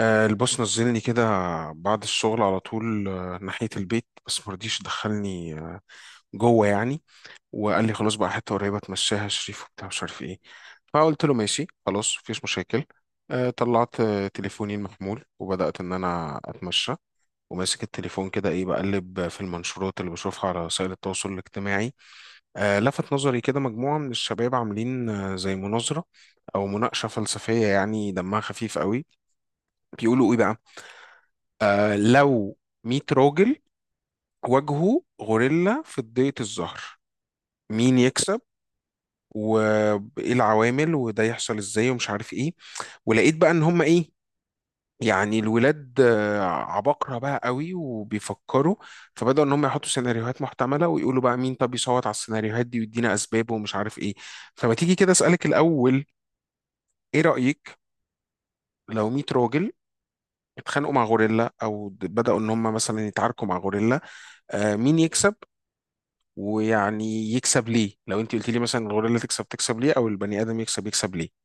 البوس نزلني كده بعد الشغل على طول، ناحية البيت. بس مرضيش دخلني جوه يعني. وقال لي خلاص بقى حتة قريبة تمشيها شريف وبتاع مش عارف ايه. فقلت له ماشي، خلاص مفيش مشاكل. طلعت تليفوني المحمول وبدأت إن أنا أتمشى، وماسك التليفون كده إيه، بقلب في المنشورات اللي بشوفها على وسائل التواصل الاجتماعي. لفت نظري كده مجموعة من الشباب عاملين زي مناظرة أو مناقشة فلسفية، يعني دمها خفيف قوي. بيقولوا إيه بقى؟ آه، لو 100 راجل واجهوا غوريلا في ضيقة الظهر، مين يكسب؟ وايه العوامل، وده يحصل ازاي، ومش عارف ايه. ولقيت بقى ان هم ايه، يعني الولاد عباقرة بقى قوي وبيفكروا. فبدأوا ان هم يحطوا سيناريوهات محتملة ويقولوا بقى مين طب يصوت على السيناريوهات دي ويدينا اسبابه ومش عارف ايه. فما تيجي كده اسألك الاول، ايه رأيك؟ لو 100 راجل اتخانقوا مع غوريلا او بدأوا ان هم مثلا يتعاركوا مع غوريلا، مين يكسب؟ ويعني يكسب ليه؟ لو انت قلت لي مثلا الغوريلا تكسب، تكسب ليه؟ او البني ادم يكسب، يكسب ليه؟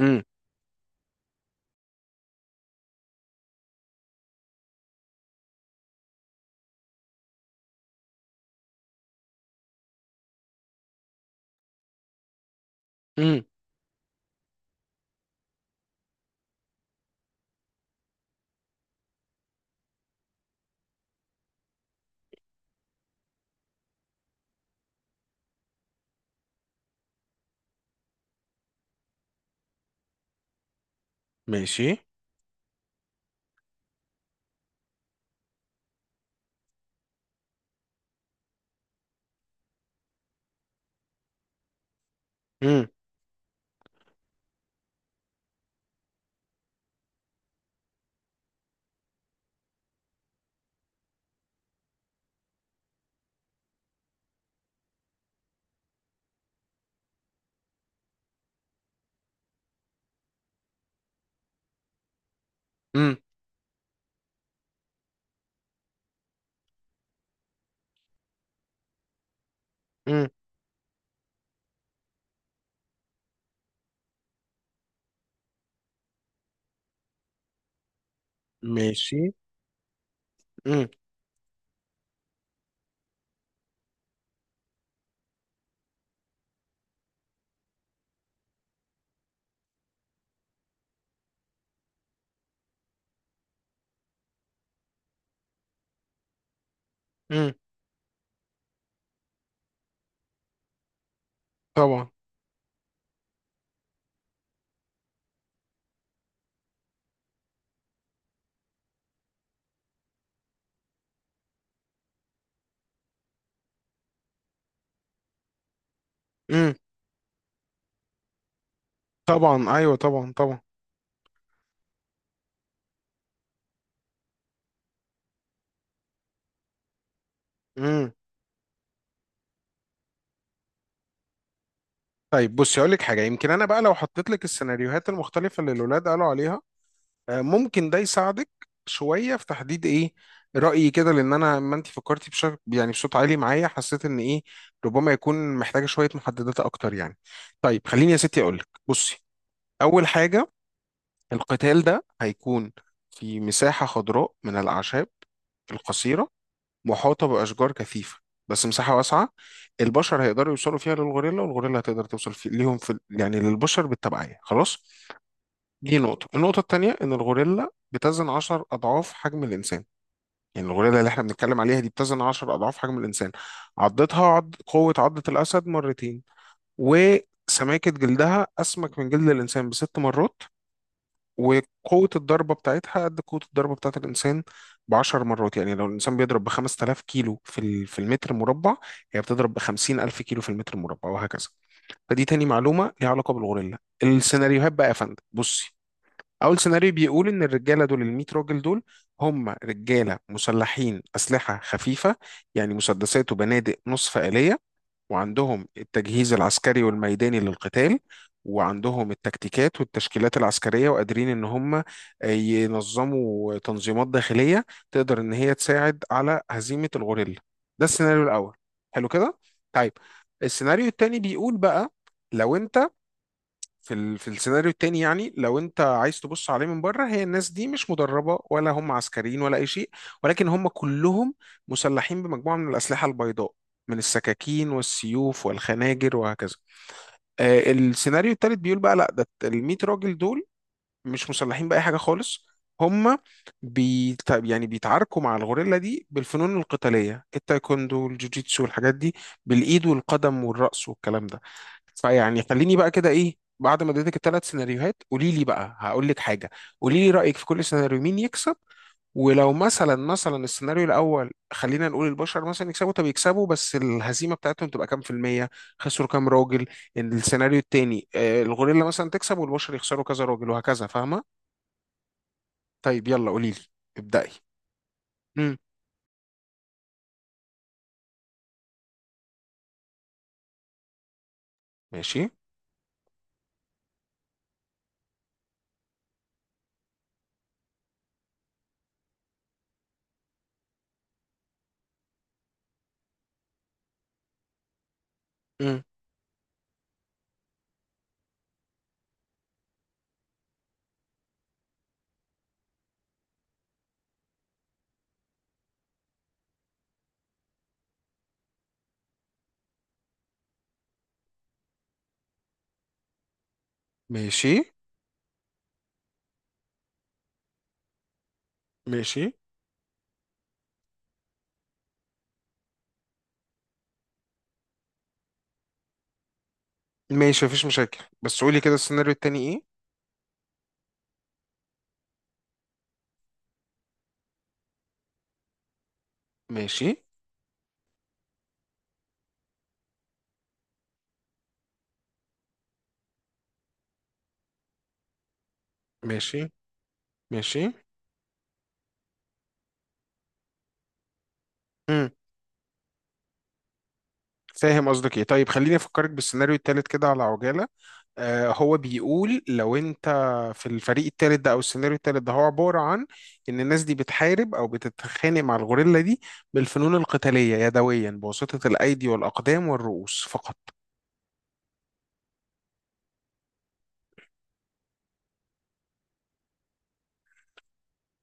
امم. امم. ماشي. امم. امم. امم. ماشي. امم. امم. طبعا. امم. طبعا، ايوه طبعا طبعا. امم. طيب بصي، اقول لك حاجه. يمكن انا بقى لو حطيت لك السيناريوهات المختلفه اللي الاولاد قالوا عليها، ممكن ده يساعدك شويه في تحديد ايه رايي كده. لان انا، ما انت فكرتي بشكل يعني بصوت عالي معايا، حسيت ان ايه، ربما يكون محتاجه شويه محددات اكتر يعني. طيب خليني يا ستي اقول لك، بصي. اول حاجه، القتال ده هيكون في مساحه خضراء من الاعشاب القصيره، محاطه باشجار كثيفه، بس مساحه واسعه. البشر هيقدروا يوصلوا فيها للغوريلا، والغوريلا هتقدر توصل ليهم، يعني للبشر بالتبعيه، خلاص. دي نقطة. النقطة التانية، إن الغوريلا بتزن 10 أضعاف حجم الإنسان، يعني الغوريلا اللي إحنا بنتكلم عليها دي بتزن 10 أضعاف حجم الإنسان. عضتها قوة عضة الأسد مرتين. وسماكة جلدها أسمك من جلد الإنسان ب6 مرات. وقوة الضربة بتاعتها قد قوة الضربة بتاعت الإنسان ب10 مرات. يعني لو الإنسان بيضرب ب5000 كيلو في المتر مربع، هي بتضرب ب50,000 كيلو في المتر مربع، وهكذا. فدي تاني معلومة ليها علاقة بالغوريلا. السيناريوهات بقى يا فندم، بصي. اول سيناريو بيقول ان الرجاله دول، ال 100 راجل دول، هم رجاله مسلحين اسلحه خفيفه، يعني مسدسات وبنادق نصف آلية، وعندهم التجهيز العسكري والميداني للقتال، وعندهم التكتيكات والتشكيلات العسكريه، وقادرين ان هم ينظموا تنظيمات داخليه تقدر ان هي تساعد على هزيمه الغوريلا. ده السيناريو الاول. حلو كده، طيب. السيناريو التاني بيقول بقى، لو انت في السيناريو التاني، يعني لو انت عايز تبص عليه من بره، هي الناس دي مش مدربة ولا هم عسكريين ولا اي شيء، ولكن هم كلهم مسلحين بمجموعة من الأسلحة البيضاء، من السكاكين والسيوف والخناجر وهكذا. السيناريو التالت بيقول بقى لا، ده ال 100 راجل دول مش مسلحين بأي حاجة خالص. هم يعني بيتعاركوا مع الغوريلا دي بالفنون القتالية، التايكوندو والجوجيتسو والحاجات دي، بالإيد والقدم والرأس والكلام ده. فيعني خليني بقى كده إيه، بعد ما اديتك الثلاث سيناريوهات قولي لي بقى، هقول لك حاجة. قولي لي رأيك في كل سيناريو، مين يكسب. ولو مثلا السيناريو الاول خلينا نقول البشر مثلا يكسبوا، طب يكسبوا، بس الهزيمه بتاعتهم تبقى كام في الميه؟ خسروا كام راجل؟ السيناريو التاني، الغوريلا مثلا تكسب والبشر يخسروا كذا راجل، وهكذا، فاهمة؟ طيب يلا قولي لي، ابدأي. مم. ماشي. مم. ماشي. ماشي ماشي مفيش مشاكل، بس قولي كده السيناريو التاني ايه؟ ماشي ماشي ماشي. مم. فاهم قصدك ايه. طيب خليني افكرك بالسيناريو التالت كده على عجالة. هو بيقول لو انت في الفريق التالت ده او السيناريو التالت ده، هو عبارة عن ان الناس دي بتحارب او بتتخانق مع الغوريلا دي بالفنون القتالية يدويا، بواسطة الايدي والاقدام والرؤوس فقط.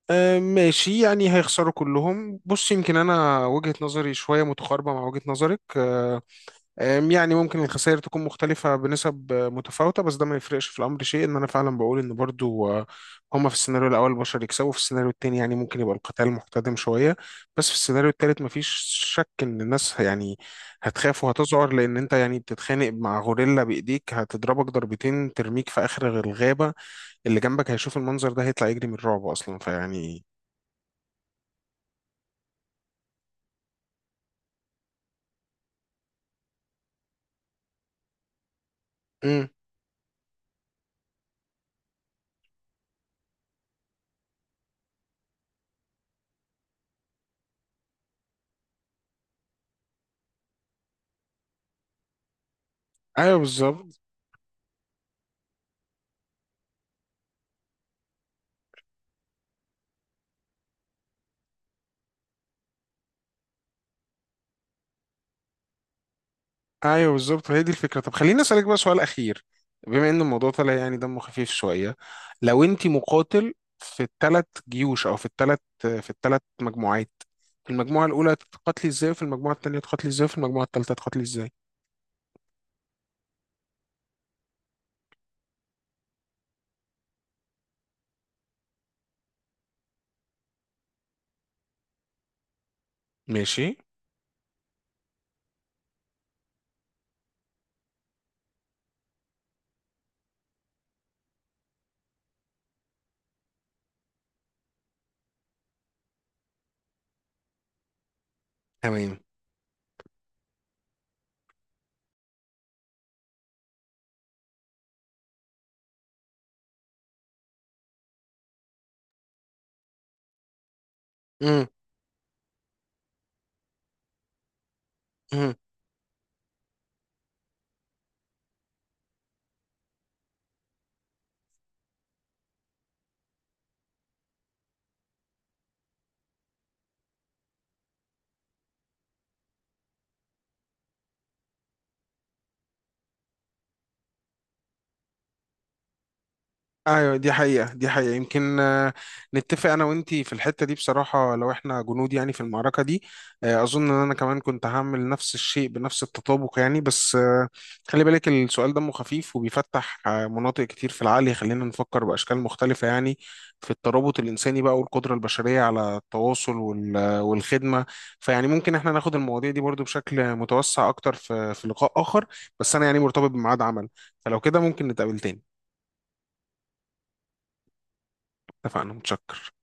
ماشي، يعني هيخسروا كلهم. بص، يمكن انا وجهة نظري شوية متقاربة مع وجهة نظرك. آه، يعني ممكن الخسائر تكون مختلفة بنسب متفاوتة، بس ده ما يفرقش في الأمر شيء. إن أنا فعلا بقول إن برضو، هما في السيناريو الأول البشر يكسبوا، في السيناريو التاني يعني ممكن يبقى القتال محتدم شوية، بس في السيناريو التالت مفيش شك إن الناس يعني هتخاف وهتذعر، لأن أنت يعني بتتخانق مع غوريلا بإيديك، هتضربك ضربتين ترميك في آخر الغابة. اللي جنبك هيشوف المنظر ده هيطلع يجري من الرعب أصلا، فيعني. مم. أيوه بالظبط. ايوه بالظبط، هي دي الفكره. طب خليني اسالك بقى سؤال اخير، بما ان الموضوع طلع يعني دمه خفيف شويه. لو انت مقاتل في الثلاث جيوش، او في الثلاث مجموعات، في المجموعه الاولى تقاتلي ازاي، وفي المجموعه الثانيه تقاتلي ازاي، وفي المجموعه الثالثه تقاتلي ازاي؟ ماشي. تمام. امم. ايوه دي حقيقة، دي حقيقة. يمكن نتفق انا وانتي في الحتة دي بصراحة، لو احنا جنود يعني في المعركة دي، اظن ان انا كمان كنت هعمل نفس الشيء بنفس التطابق يعني. بس خلي بالك، السؤال دمه خفيف، وبيفتح مناطق كتير في العقل، يخلينا نفكر باشكال مختلفة يعني، في الترابط الانساني بقى والقدرة البشرية على التواصل والخدمة. فيعني ممكن احنا ناخد المواضيع دي برضو بشكل متوسع اكتر في لقاء اخر. بس انا يعني مرتبط بميعاد عمل، فلو كده ممكن نتقابل تاني. اتفقنا، متشكر.